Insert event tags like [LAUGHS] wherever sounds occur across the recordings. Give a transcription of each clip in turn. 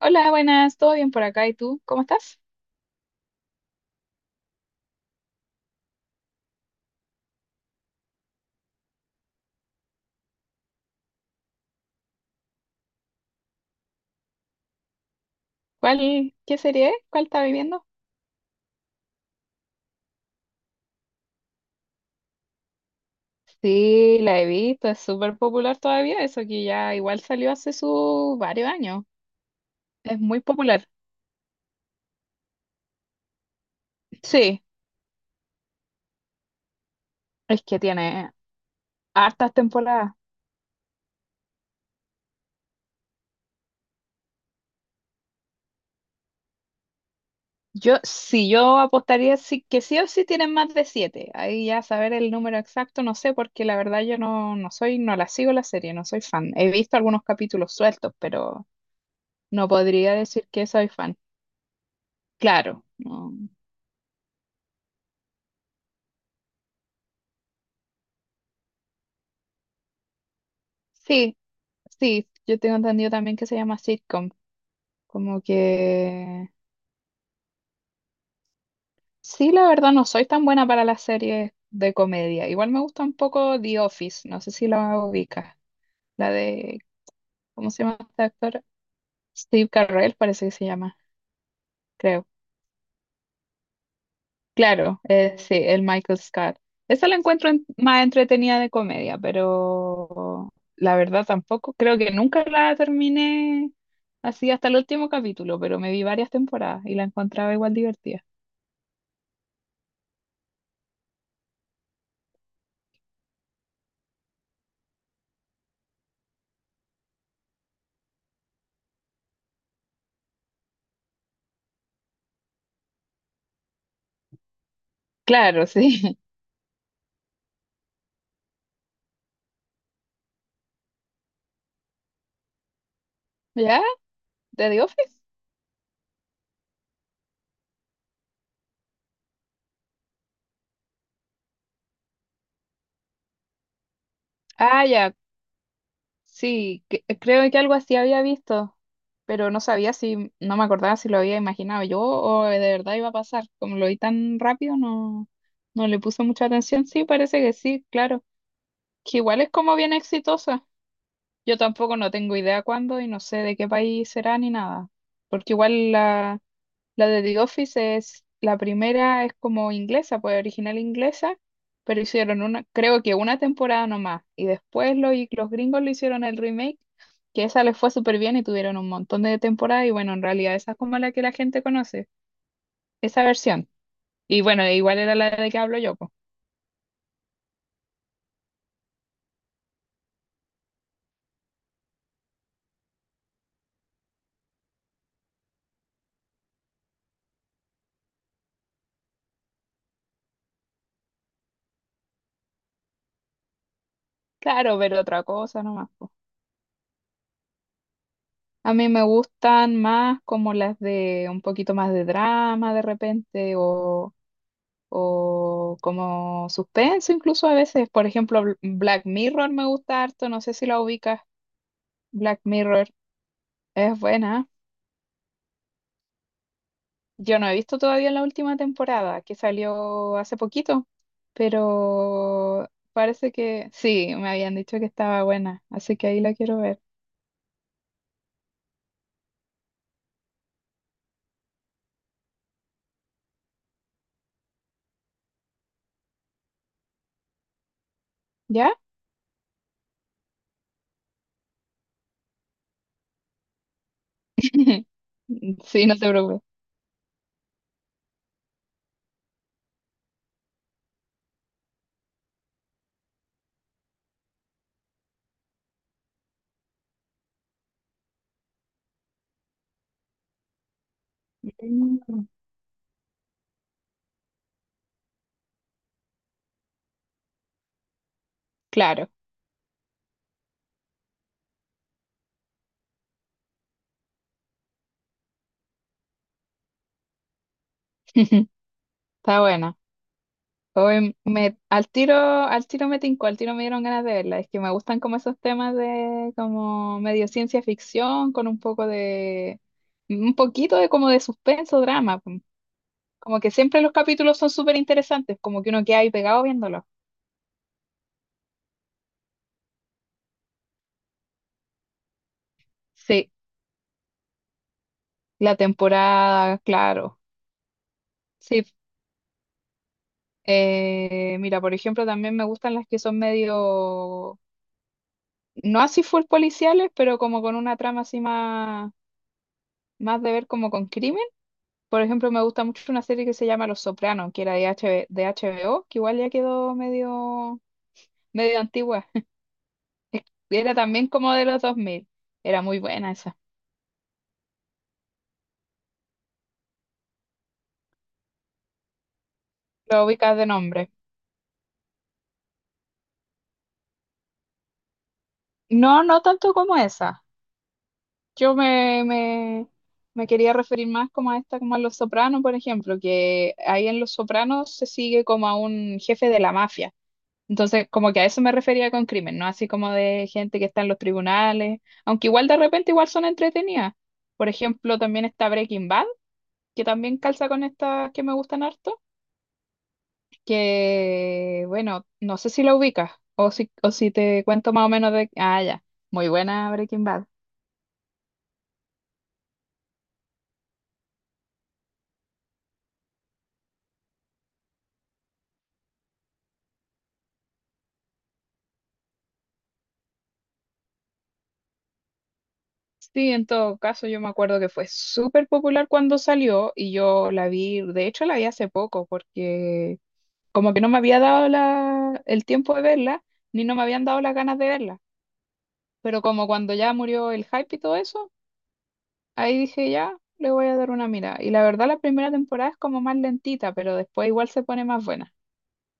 Hola, buenas, ¿todo bien por acá? ¿Y tú? ¿Cómo estás? ¿Cuál, qué serie es? ¿Cuál estás viviendo? Sí, la he visto, es súper popular todavía, eso que ya igual salió hace sus varios años. Es muy popular. Sí, es que tiene hartas temporadas. Yo, sí, yo apostaría sí, que sí o sí tienen más de siete. Ahí ya saber el número exacto, no sé, porque la verdad yo no, no soy, no la sigo la serie, no soy fan. He visto algunos capítulos sueltos, pero no podría decir que soy fan. Claro, no. Sí, sí, yo tengo entendido también que se llama sitcom. Como que sí, la verdad no soy tan buena para las series de comedia. Igual me gusta un poco The Office, no sé si la ubicas. La de, ¿cómo se llama este actor? Steve Carell parece que se llama, creo. Claro, sí, el Michael Scott. Esa la encuentro más entretenida de comedia, pero la verdad tampoco, creo que nunca la terminé así hasta el último capítulo, pero me vi varias temporadas y la encontraba igual divertida. Claro, sí. [LAUGHS] ¿Ya? ¿De The Office? Ah, ya. Sí, creo que algo así había visto, pero no sabía si, no me acordaba si lo había imaginado yo o de verdad iba a pasar. Como lo vi tan rápido, no, no le puse mucha atención. Sí, parece que sí, claro. Que igual es como bien exitosa. Yo tampoco no tengo idea cuándo y no sé de qué país será ni nada. Porque igual la, la de The Office es, la primera es como inglesa, pues original inglesa, pero hicieron una, creo que una temporada nomás. Y después los gringos le hicieron el remake, que esa les fue súper bien y tuvieron un montón de temporadas. Y bueno, en realidad esa es como la que la gente conoce, esa versión. Y bueno, e igual era la de que hablo yo, pues. Claro, pero otra cosa nomás, po. A mí me gustan más como las de un poquito más de drama de repente o como suspenso incluso a veces. Por ejemplo, Black Mirror me gusta harto, no sé si la ubicas. Black Mirror es buena. Yo no he visto todavía la última temporada que salió hace poquito, pero parece que sí, me habían dicho que estaba buena, así que ahí la quiero ver. ¿Ya? [LAUGHS] Sí, no te preocupes. Mm. Claro, [LAUGHS] está buena. Hoy me, al tiro me tincó, al tiro me dieron ganas de verla. Es que me gustan como esos temas de como medio ciencia ficción, con un poco de, un poquito de como de suspenso, drama. Pum. Como que siempre los capítulos son súper interesantes, como que uno queda ahí pegado viéndolo. Sí, la temporada, claro. Sí, mira, por ejemplo, también me gustan las que son medio, no así full policiales, pero como con una trama así más, de ver como con crimen. Por ejemplo, me gusta mucho una serie que se llama Los Sopranos, que era de HBO, que igual ya quedó medio antigua. [LAUGHS] Y era también como de los 2000. Era muy buena esa. Lo ubicas de nombre. No, no tanto como esa. Yo me quería referir más como a esta, como a Los Sopranos, por ejemplo, que ahí en Los Sopranos se sigue como a un jefe de la mafia. Entonces, como que a eso me refería con crimen, no así como de gente que está en los tribunales, aunque igual de repente igual son entretenidas. Por ejemplo, también está Breaking Bad, que también calza con estas que me gustan harto, que bueno, no sé si la ubicas o si te cuento más o menos de... Ah, ya, muy buena Breaking Bad. Sí, en todo caso, yo me acuerdo que fue súper popular cuando salió y yo la vi, de hecho la vi hace poco porque como que no me había dado la, el tiempo de verla, ni no me habían dado las ganas de verla. Pero como cuando ya murió el hype y todo eso, ahí dije ya, le voy a dar una mirada. Y la verdad la primera temporada es como más lentita, pero después igual se pone más buena.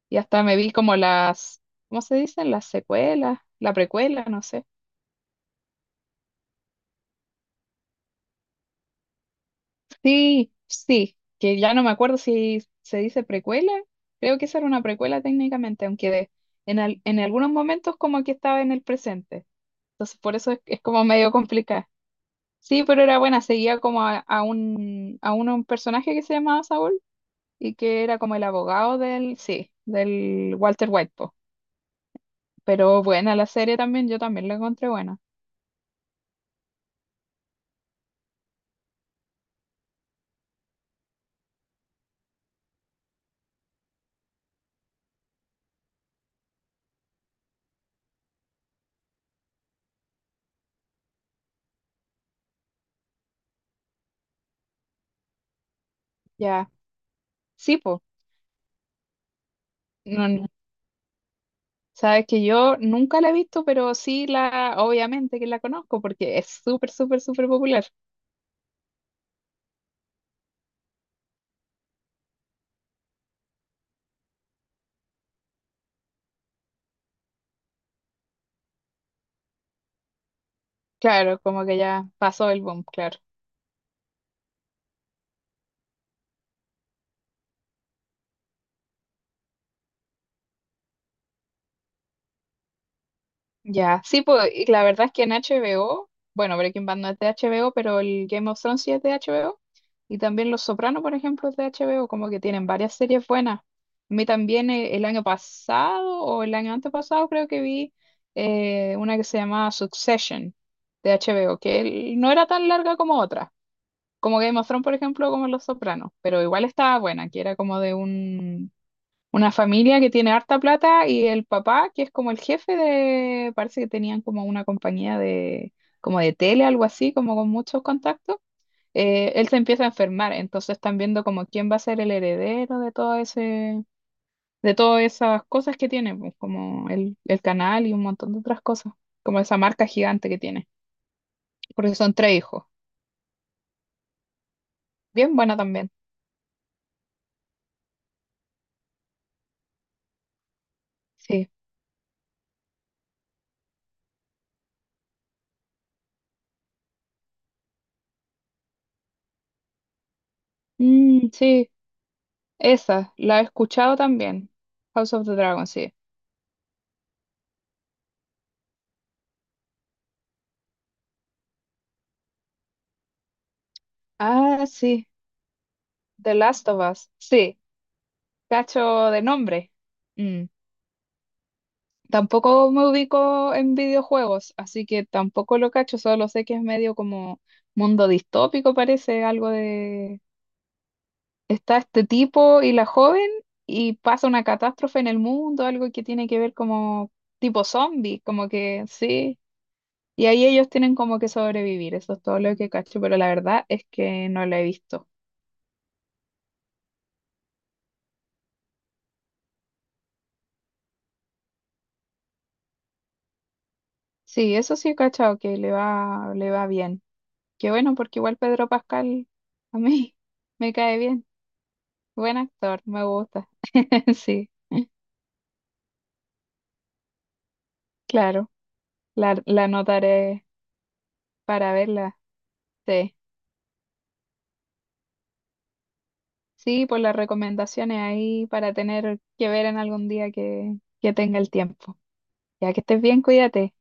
Y hasta me vi como las, ¿cómo se dicen? Las secuelas, la precuela, no sé. Sí, sí, que ya no me acuerdo si se dice precuela. Creo que esa era una precuela técnicamente, aunque en, en algunos momentos como que estaba en el presente. Entonces por eso es como medio complicado. Sí, pero era buena, seguía como a un personaje que se llamaba Saul y que era como el abogado del, sí, del Walter White, po. Pero buena la serie también, yo también la encontré buena. Ya, sí, po. No, no, sabes que yo nunca la he visto, pero sí la, obviamente que la conozco porque es súper, súper, súper popular. Claro, como que ya pasó el boom, claro. Ya, sí, pues y la verdad es que en HBO, bueno, Breaking Bad no es de HBO, pero el Game of Thrones sí es de HBO. Y también Los Sopranos, por ejemplo, es de HBO, como que tienen varias series buenas. A mí también el año pasado o el año antepasado creo que vi una que se llamaba Succession de HBO, que el- no era tan larga como otra, como Game of Thrones, por ejemplo, como Los Sopranos, pero igual estaba buena, que era como de un una familia que tiene harta plata y el papá, que es como el jefe de, parece que tenían como una compañía de, como de tele, algo así, como con muchos contactos, él se empieza a enfermar, entonces están viendo como quién va a ser el heredero de todo ese, de todas esas cosas que tiene, pues, como el canal y un montón de otras cosas, como esa marca gigante que tiene, porque son tres hijos. Bien buena también, sí. Mm, sí, esa, la he escuchado también, House of the Dragon, sí. Ah, sí. The Last of Us, sí, cacho de nombre. Mm. Tampoco me ubico en videojuegos, así que tampoco lo cacho, solo sé que es medio como mundo distópico, parece algo de... Está este tipo y la joven y pasa una catástrofe en el mundo, algo que tiene que ver como tipo zombie, como que sí. Y ahí ellos tienen como que sobrevivir, eso es todo lo que cacho, pero la verdad es que no lo he visto. Sí, eso sí he cachado, que le va bien. Qué bueno, porque igual Pedro Pascal a mí [LAUGHS] me cae bien. Buen actor, me gusta. [LAUGHS] Sí, claro, la anotaré para verla. Sí, sí, por las recomendaciones ahí para tener que ver en algún día que tenga el tiempo. Ya que estés bien, cuídate.